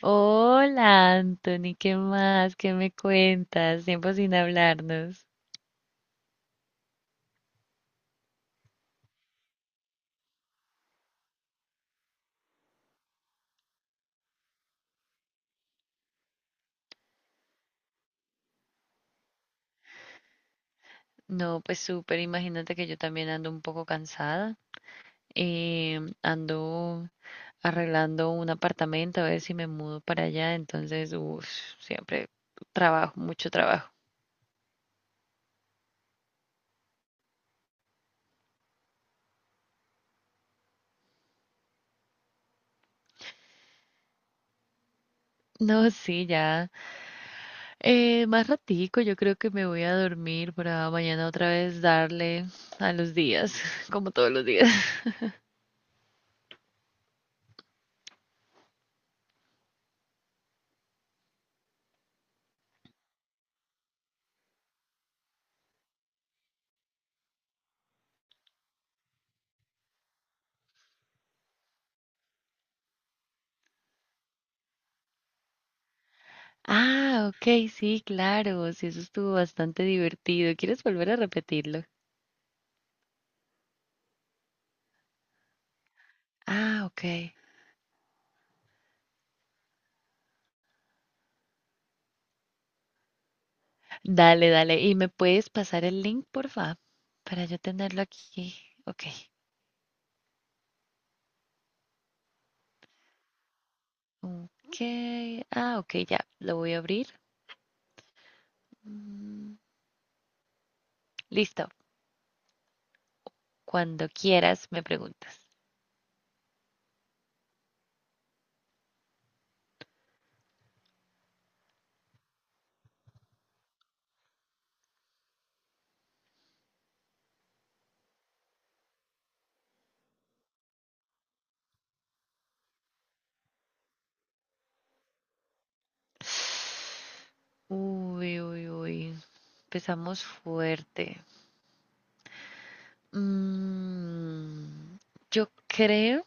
Hola, Anthony, ¿qué más? ¿Qué me cuentas? Tiempo sin hablarnos. No, pues súper, imagínate que yo también ando un poco cansada. Ando arreglando un apartamento a ver si me mudo para allá, entonces, uff, siempre trabajo, mucho trabajo. No, sí, ya. Más ratico, yo creo que me voy a dormir para mañana otra vez darle a los días, como todos los días. Ah, ok, sí, claro, sí, eso estuvo bastante divertido. ¿Quieres volver a repetirlo? Ah, ok. Dale, dale. ¿Y me puedes pasar el link, porfa? Para yo tenerlo aquí. Ok. Ok. Ah, ok, ya. Lo voy a abrir. Mm. Listo. Cuando quieras, me preguntas. Uy, uy, uy. Empezamos fuerte. Mm, yo creo.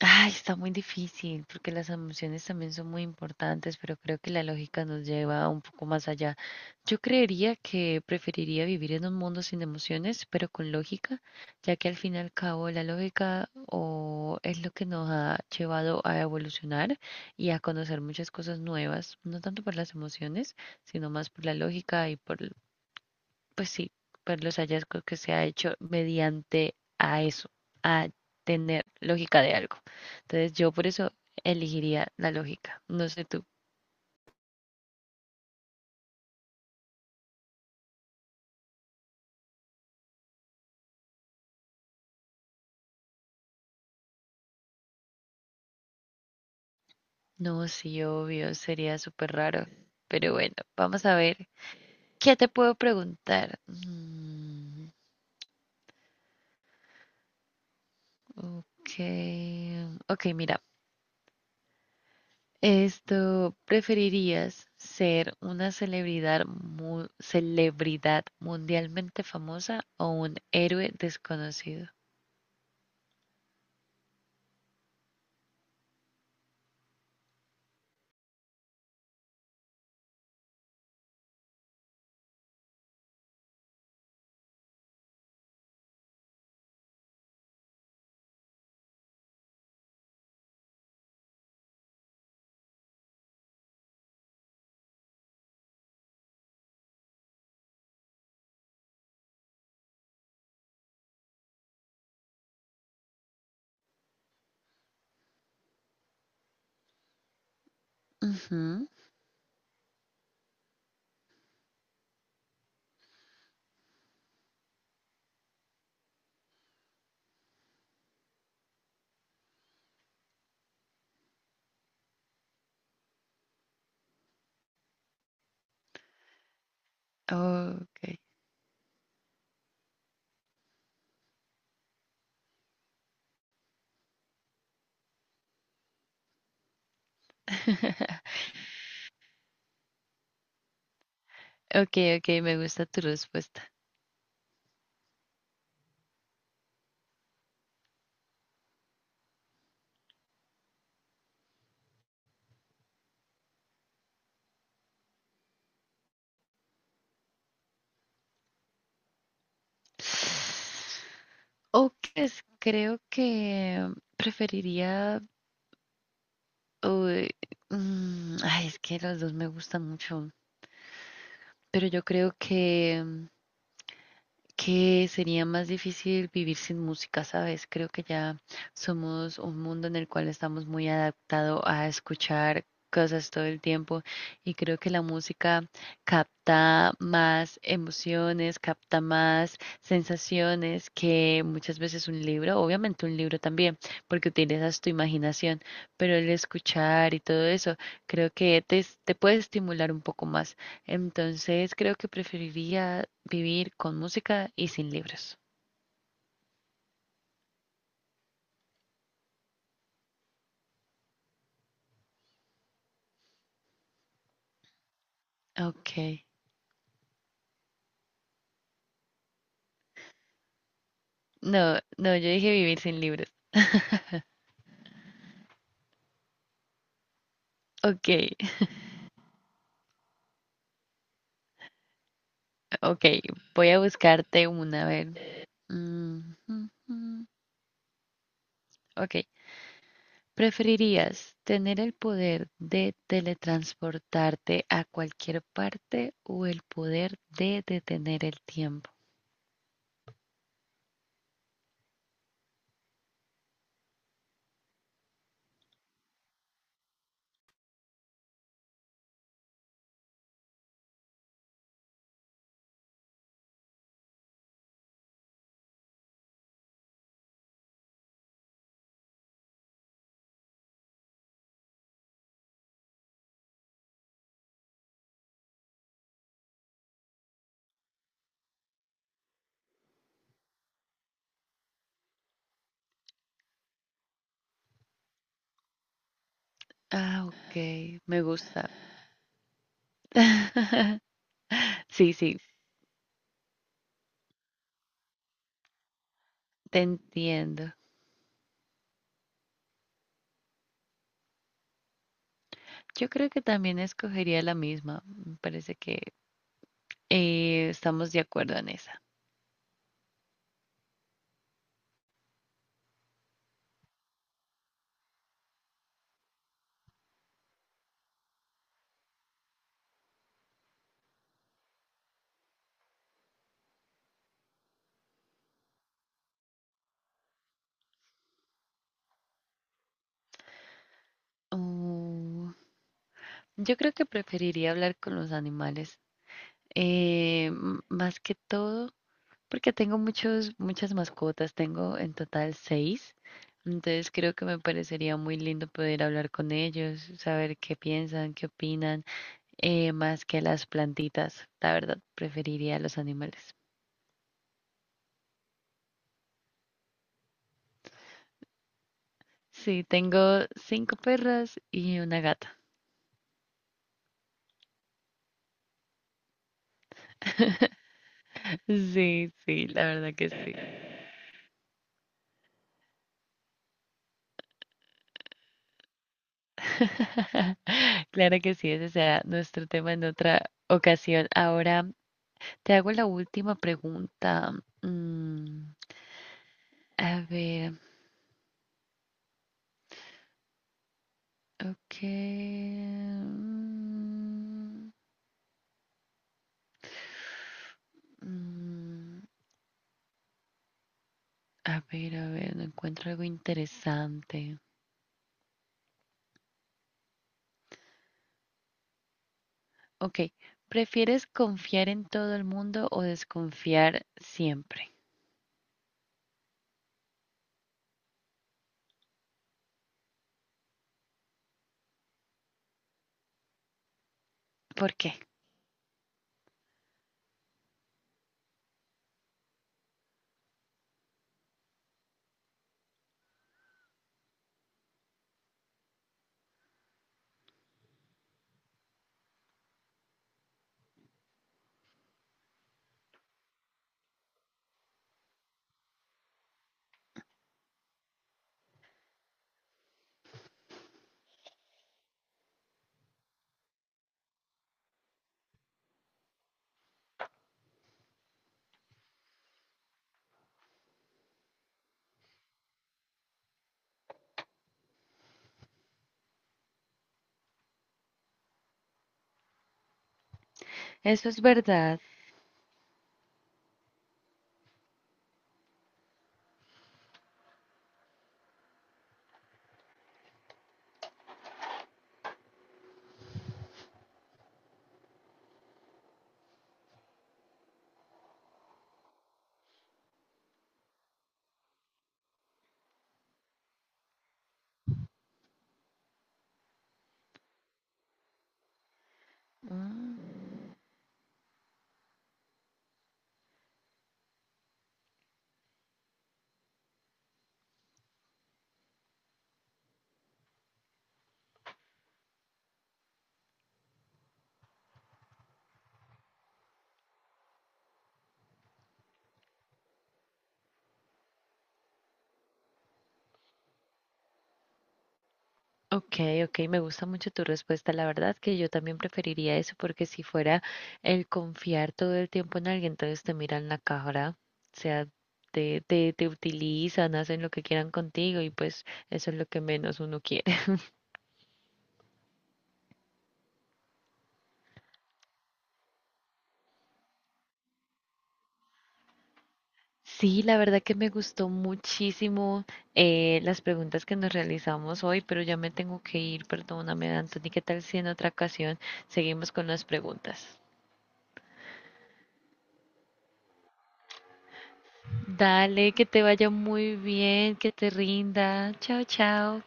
Ay, está muy difícil porque las emociones también son muy importantes, pero creo que la lógica nos lleva un poco más allá. Yo creería que preferiría vivir en un mundo sin emociones, pero con lógica, ya que al fin y al cabo la lógica o es lo que nos ha llevado a evolucionar y a conocer muchas cosas nuevas, no tanto por las emociones, sino más por la lógica y por pues sí, por los hallazgos que se ha hecho mediante a eso, a tener lógica de algo. Entonces yo por eso elegiría la lógica. No sé tú. No, sí, obvio, sería súper raro. Pero bueno, vamos a ver. ¿Qué te puedo preguntar? Mm, ok, ok, mira. Esto, ¿preferirías ser una celebridad, celebridad mundialmente famosa o un héroe desconocido? Ujú. Okey. Okey, okey, me gusta tu respuesta. Oh, pues, creo que preferiría, uy, mm, ay, es que los 2 me gustan mucho, pero yo creo que sería más difícil vivir sin música, ¿sabes? Creo que ya somos un mundo en el cual estamos muy adaptados a escuchar cosas todo el tiempo y creo que la música capta más emociones, capta más sensaciones que muchas veces un libro, obviamente un libro también, porque utilizas tu imaginación, pero el escuchar y todo eso creo que te puede estimular un poco más. Entonces creo que preferiría vivir con música y sin libros. Ok. No, no, yo dije vivir sin libros. Ok, ok. Voy a buscarte una, a ver. Mm, mm, mm. Ok. ¿Preferirías tener el poder de teletransportarte a cualquier parte o el poder de detener el tiempo? Ah, ok. Me gusta. Sí, sí, te entiendo. Yo creo que también escogería la misma. Me parece que estamos de acuerdo en esa. Mm, yo creo que preferiría hablar con los animales, más que todo, porque tengo muchas mascotas, tengo en total seis, entonces creo que me parecería muy lindo poder hablar con ellos, saber qué piensan, qué opinan, más que las plantitas. La verdad, preferiría los animales. Sí, tengo cinco perras y una gata. Sí, sí, la verdad que sí. Claro que sí, ese será nuestro tema en otra ocasión. Ahora te hago la última pregunta. Mm, a ver, ok. Mm, mm, a ver, no encuentro algo interesante. Ok, ¿prefieres confiar en todo el mundo o desconfiar siempre? ¿Por qué? Eso es verdad. Mm. Ok, ok, me gusta mucho tu respuesta. La verdad que yo también preferiría eso porque si fuera el confiar todo el tiempo en alguien, entonces te miran la cara, o sea, te utilizan, hacen lo que quieran contigo y pues eso es lo que menos uno quiere. Sí, la verdad que me gustó muchísimo las preguntas que nos realizamos hoy, pero ya me tengo que ir, perdóname, Anthony, ¿qué tal si en otra ocasión seguimos con las preguntas? Dale, que te vaya muy bien, que te rinda. Chao, chao.